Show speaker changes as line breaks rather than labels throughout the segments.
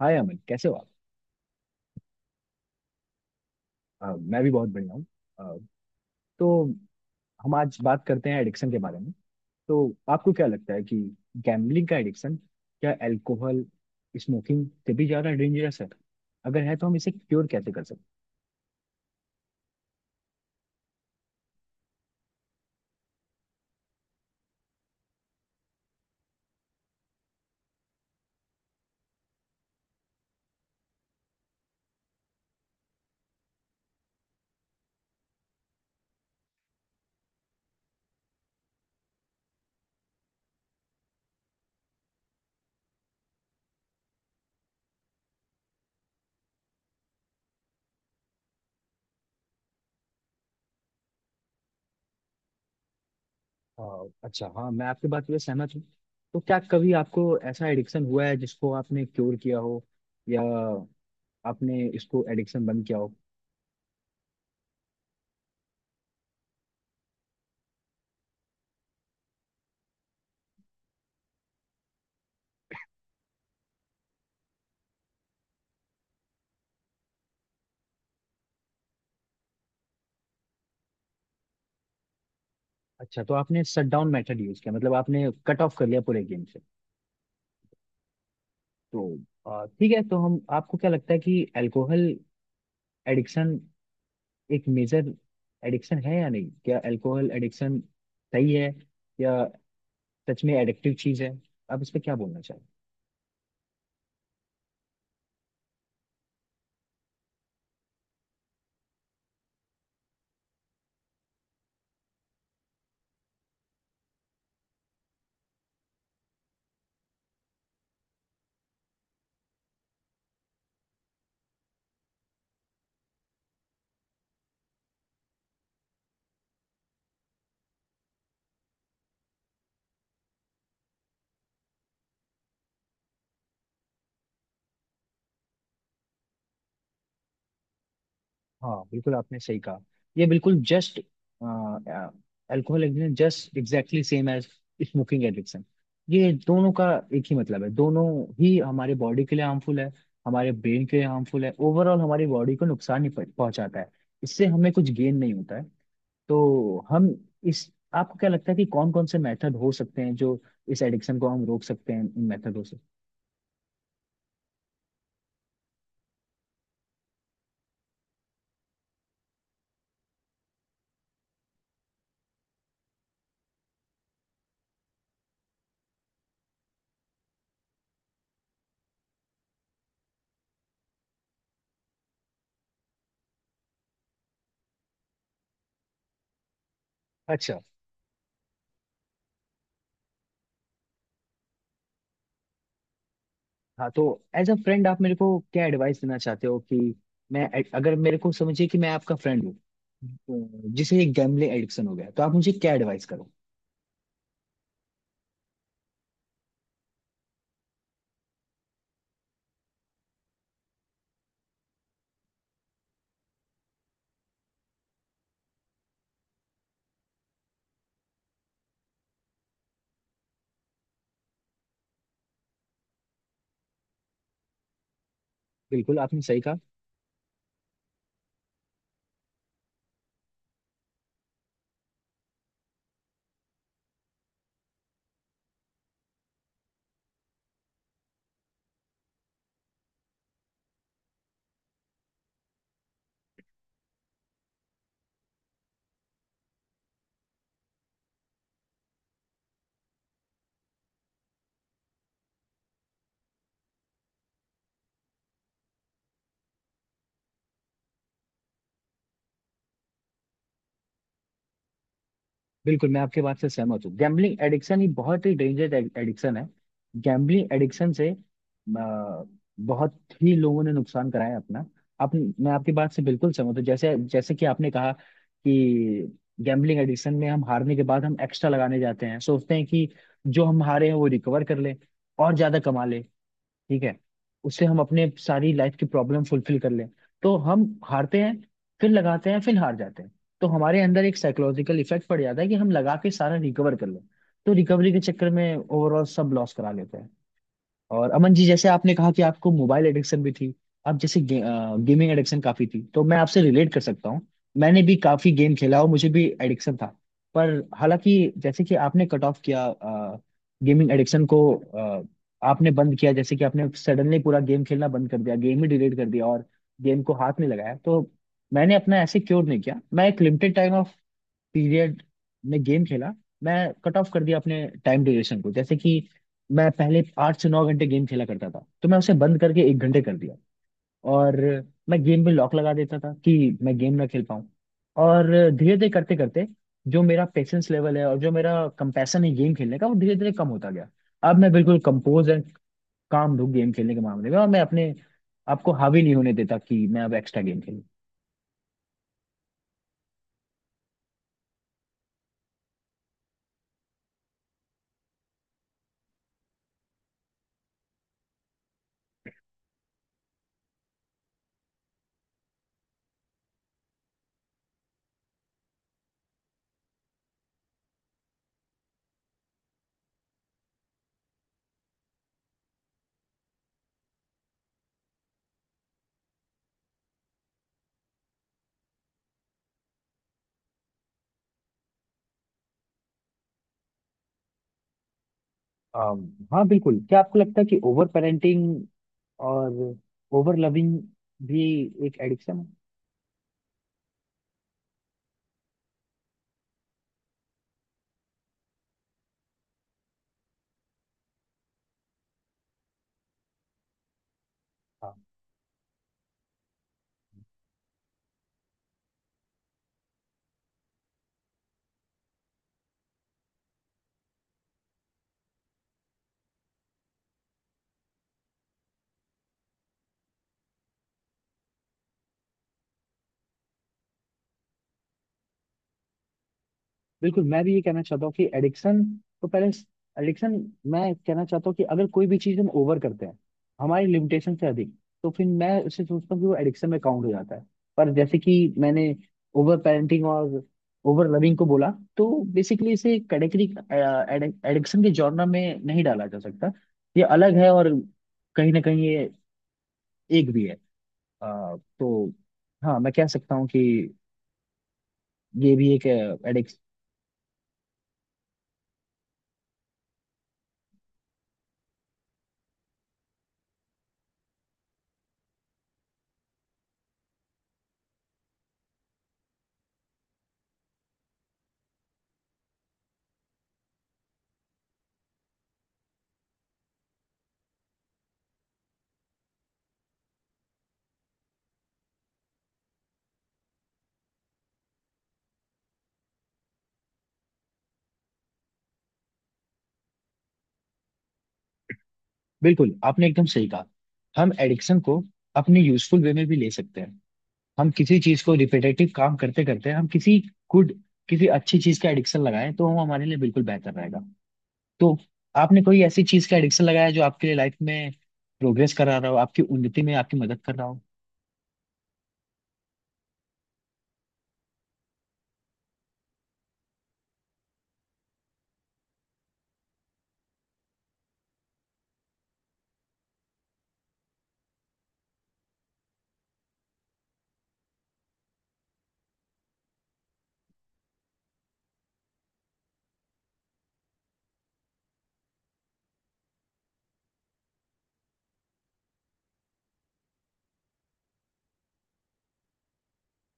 हाय अमन, कैसे हो आप। मैं भी बहुत बढ़िया हूँ। अ, तो हम आज बात करते हैं एडिक्शन के बारे में। तो आपको क्या लगता है कि गैम्बलिंग का एडिक्शन क्या अल्कोहल स्मोकिंग से भी ज़्यादा डेंजरस है? अगर है तो हम इसे क्योर कैसे कर सकते हैं? अच्छा, हाँ, मैं आपकी बात पे सहमत हूँ। तो क्या कभी आपको ऐसा एडिक्शन हुआ है जिसको आपने क्योर किया हो, या आपने इसको एडिक्शन बंद किया हो? अच्छा, तो आपने शट डाउन मेथड यूज किया, मतलब आपने कट ऑफ कर लिया पूरे गेम से। तो ठीक है। तो हम आपको क्या लगता है कि अल्कोहल एडिक्शन एक मेजर एडिक्शन है या नहीं? क्या अल्कोहल एडिक्शन सही है, या सच में एडिक्टिव चीज है? आप इस पे क्या बोलना चाहेंगे? हाँ बिल्कुल, आपने सही कहा। ये बिल्कुल just alcohol addiction just exactly same as smoking addiction. ये दोनों का एक ही मतलब है, दोनों ही हमारे बॉडी के लिए हार्मफुल है, हमारे ब्रेन के लिए हार्मफुल है, ओवरऑल हमारी बॉडी को नुकसान ही पहुंचाता है। इससे हमें कुछ गेन नहीं होता है। तो हम इस आपको क्या लगता है कि कौन कौन से मेथड हो सकते हैं जो इस एडिक्शन को हम रोक सकते हैं इन मेथडों से? अच्छा। हाँ, तो एज अ फ्रेंड आप मेरे को क्या एडवाइस देना चाहते हो कि मैं अगर मेरे को समझिए कि मैं आपका फ्रेंड हूँ, जिसे एक गैम्बलिंग एडिक्शन हो गया, तो आप मुझे क्या एडवाइस करो? बिल्कुल आपने सही कहा। बिल्कुल मैं आपके बात से सहमत हूँ, गैम्बलिंग एडिक्शन ही बहुत ही डेंजर एडिक्शन है। गैम्बलिंग एडिक्शन से बहुत ही लोगों ने नुकसान कराया है अपना। आप मैं आपकी बात से बिल्कुल सहमत हूँ, जैसे जैसे कि आपने कहा कि गैम्बलिंग एडिक्शन में हम हारने के बाद हम एक्स्ट्रा लगाने जाते हैं, सोचते हैं कि जो हम हारे हैं वो रिकवर कर लें और ज्यादा कमा लें। ठीक है, उससे हम अपने सारी लाइफ की प्रॉब्लम फुलफिल कर लें। तो हम हारते हैं, फिर लगाते हैं, फिर हार जाते हैं। तो हमारे अंदर एक साइकोलॉजिकल इफेक्ट पड़ जाता है कि हम लगा के सारा रिकवर कर लें। तो रिकवरी के चक्कर में ओवरऑल सब लॉस करा लेते हैं। और अमन जी, जैसे आपने कहा कि आपको मोबाइल एडिक्शन भी थी, आप जैसे गेमिंग एडिक्शन काफी थी, तो मैं आपसे रिलेट कर सकता हूँ। मैंने भी काफी गेम खेला और मुझे भी एडिक्शन था, पर हालांकि जैसे कि आपने कट ऑफ किया गेमिंग एडिक्शन को, आपने बंद किया, जैसे कि आपने सडनली पूरा गेम खेलना बंद कर दिया, गेम ही डिलीट कर दिया और गेम को हाथ नहीं लगाया। तो मैंने अपना ऐसे क्योर नहीं किया, मैं एक लिमिटेड टाइम पीरियड में गेम खेला। मैं कट ऑफ कर दिया अपने टाइम ड्यूरेशन को, जैसे कि मैं पहले आठ से नौ घंटे गेम खेला करता था, तो मैं उसे बंद करके एक घंटे कर दिया। और मैं गेम में लॉक लगा देता था कि मैं गेम ना खेल पाऊँ। और धीरे धीरे करते करते जो मेरा पेशेंस लेवल है और जो मेरा कंपैशन है गेम खेलने का, वो धीरे धीरे कम होता गया। अब मैं बिल्कुल कंपोज एंड काम हूँ गेम खेलने के मामले में, और मैं अपने आपको हावी नहीं होने देता कि मैं अब एक्स्ट्रा गेम। हाँ बिल्कुल, क्या आपको लगता है कि ओवर पेरेंटिंग और ओवर लविंग भी एक एडिक्शन है? हाँ बिल्कुल, मैं भी ये कहना चाहता हूँ कि एडिक्शन तो पहले एडिक्शन, मैं कहना चाहता हूँ कि अगर कोई भी चीज़ हम ओवर करते हैं, हमारी लिमिटेशन से अधिक, तो फिर मैं उसे सोचता हूँ कि वो एडिक्शन में काउंट हो जाता है। पर जैसे कि मैंने ओवर पेरेंटिंग और ओवर लविंग को बोला, तो बेसिकली इसे कैटेगरी एडिक्शन के जॉनर में नहीं डाला जा सकता, ये अलग है। और कहीं ना कहीं ये एक भी है। अ, तो हाँ, मैं कह सकता हूँ कि ये भी एक एडिक्स। बिल्कुल आपने एकदम सही कहा। हम एडिक्शन को अपने यूजफुल वे में भी ले सकते हैं। हम किसी चीज को रिपीटेटिव काम करते करते, हम किसी गुड, किसी अच्छी चीज का एडिक्शन लगाएं तो वो हमारे लिए बिल्कुल बेहतर रहेगा। तो आपने कोई ऐसी चीज का एडिक्शन लगाया जो आपके लिए लाइफ में प्रोग्रेस करा रहा हो, आपकी उन्नति में आपकी मदद कर रहा हो?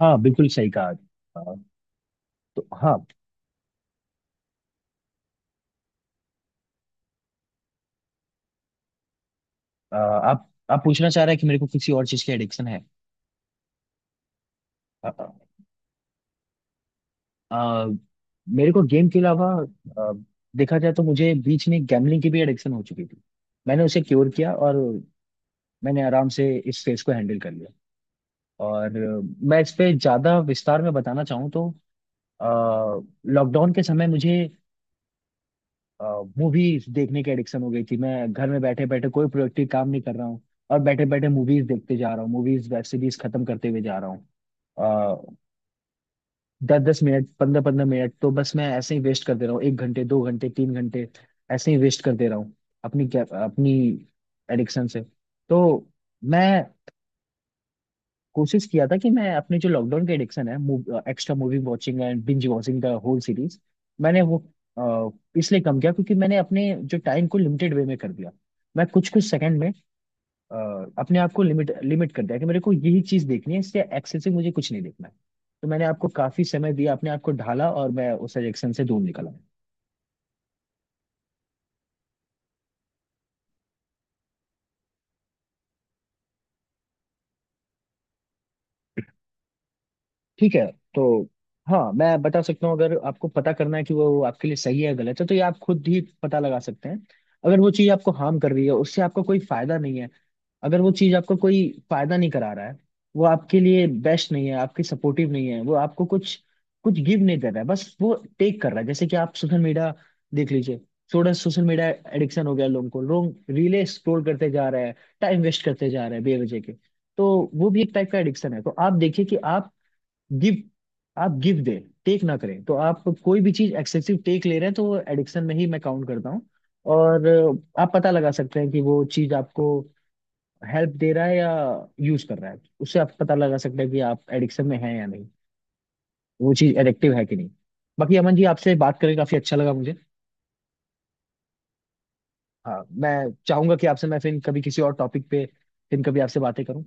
हाँ बिल्कुल, सही कहा। तो हाँ। आप पूछना चाह रहे हैं कि मेरे को किसी और चीज की एडिक्शन है? आ, मेरे को गेम के अलावा, आ, देखा जाए तो मुझे बीच में गैम्बलिंग की भी एडिक्शन हो चुकी थी। मैंने उसे क्योर किया और मैंने आराम से इस फेज को हैंडल कर लिया। और मैं इस पे ज्यादा विस्तार में बताना चाहूँ तो लॉकडाउन के समय मुझे मूवीज देखने की एडिक्शन हो गई थी। मैं घर में बैठे बैठे कोई प्रोडक्टिव काम नहीं कर रहा हूँ, और बैठे बैठे मूवीज देखते जा रहा हूँ, मूवीज वेब सीरीज खत्म करते हुए जा रहा हूँ। दस दस मिनट, पंद्रह पंद्रह मिनट, तो बस मैं ऐसे ही वेस्ट कर दे रहा हूँ, एक घंटे, दो घंटे, तीन घंटे ऐसे ही वेस्ट कर दे रहा हूँ अपनी, क्या अपनी एडिक्शन से। तो मैं कोशिश किया था कि मैं अपने जो लॉकडाउन के एडिक्शन है, extra movie watching and binge watching the whole series, मैंने वो अ, इसलिए कम किया क्योंकि मैंने अपने जो टाइम को लिमिटेड वे में कर दिया। मैं कुछ कुछ सेकंड में अ, अपने आप को लिमिट लिमिट कर दिया कि मेरे को यही चीज देखनी है, इससे एक्सेस से मुझे कुछ नहीं देखना है। तो मैंने आपको काफी समय दिया, अपने आप को ढाला, और मैं उस एडिक्शन से दूर निकला। ठीक है, तो हाँ मैं बता सकता हूँ। अगर आपको पता करना है कि वो आपके लिए सही है, गलत है, तो ये आप खुद ही पता लगा सकते हैं। अगर वो चीज आपको हार्म कर रही है, उससे आपको कोई फायदा नहीं है, अगर वो चीज आपको कोई फायदा नहीं करा रहा है, वो आपके लिए बेस्ट नहीं है, आपकी सपोर्टिव नहीं है, वो आपको कुछ कुछ गिव नहीं कर रहा है, बस वो टेक कर रहा है। जैसे कि आप सोशल मीडिया देख लीजिए, थोड़ा सोशल मीडिया एडिक्शन हो गया लोगों को, लोग रीले स्क्रॉल करते जा रहे हैं, टाइम वेस्ट करते जा रहे हैं बेवजह के। तो वो भी एक टाइप का एडिक्शन है। तो आप देखिए कि गिव आप गिव दे, टेक ना करें। तो आप कोई भी चीज एक्सेसिव टेक ले रहे हैं तो वो एडिक्शन में ही मैं काउंट करता हूँ। और आप पता लगा सकते हैं कि वो चीज आपको हेल्प दे रहा है या यूज कर रहा है। उससे आप पता लगा सकते हैं कि आप एडिक्शन में हैं या नहीं, वो चीज एडिक्टिव है कि नहीं। बाकी अमन जी, आपसे बात करके काफी अच्छा लगा मुझे। हाँ, मैं चाहूंगा कि आपसे मैं फिर कभी किसी और टॉपिक पे, फिर कभी आपसे बातें करूँ।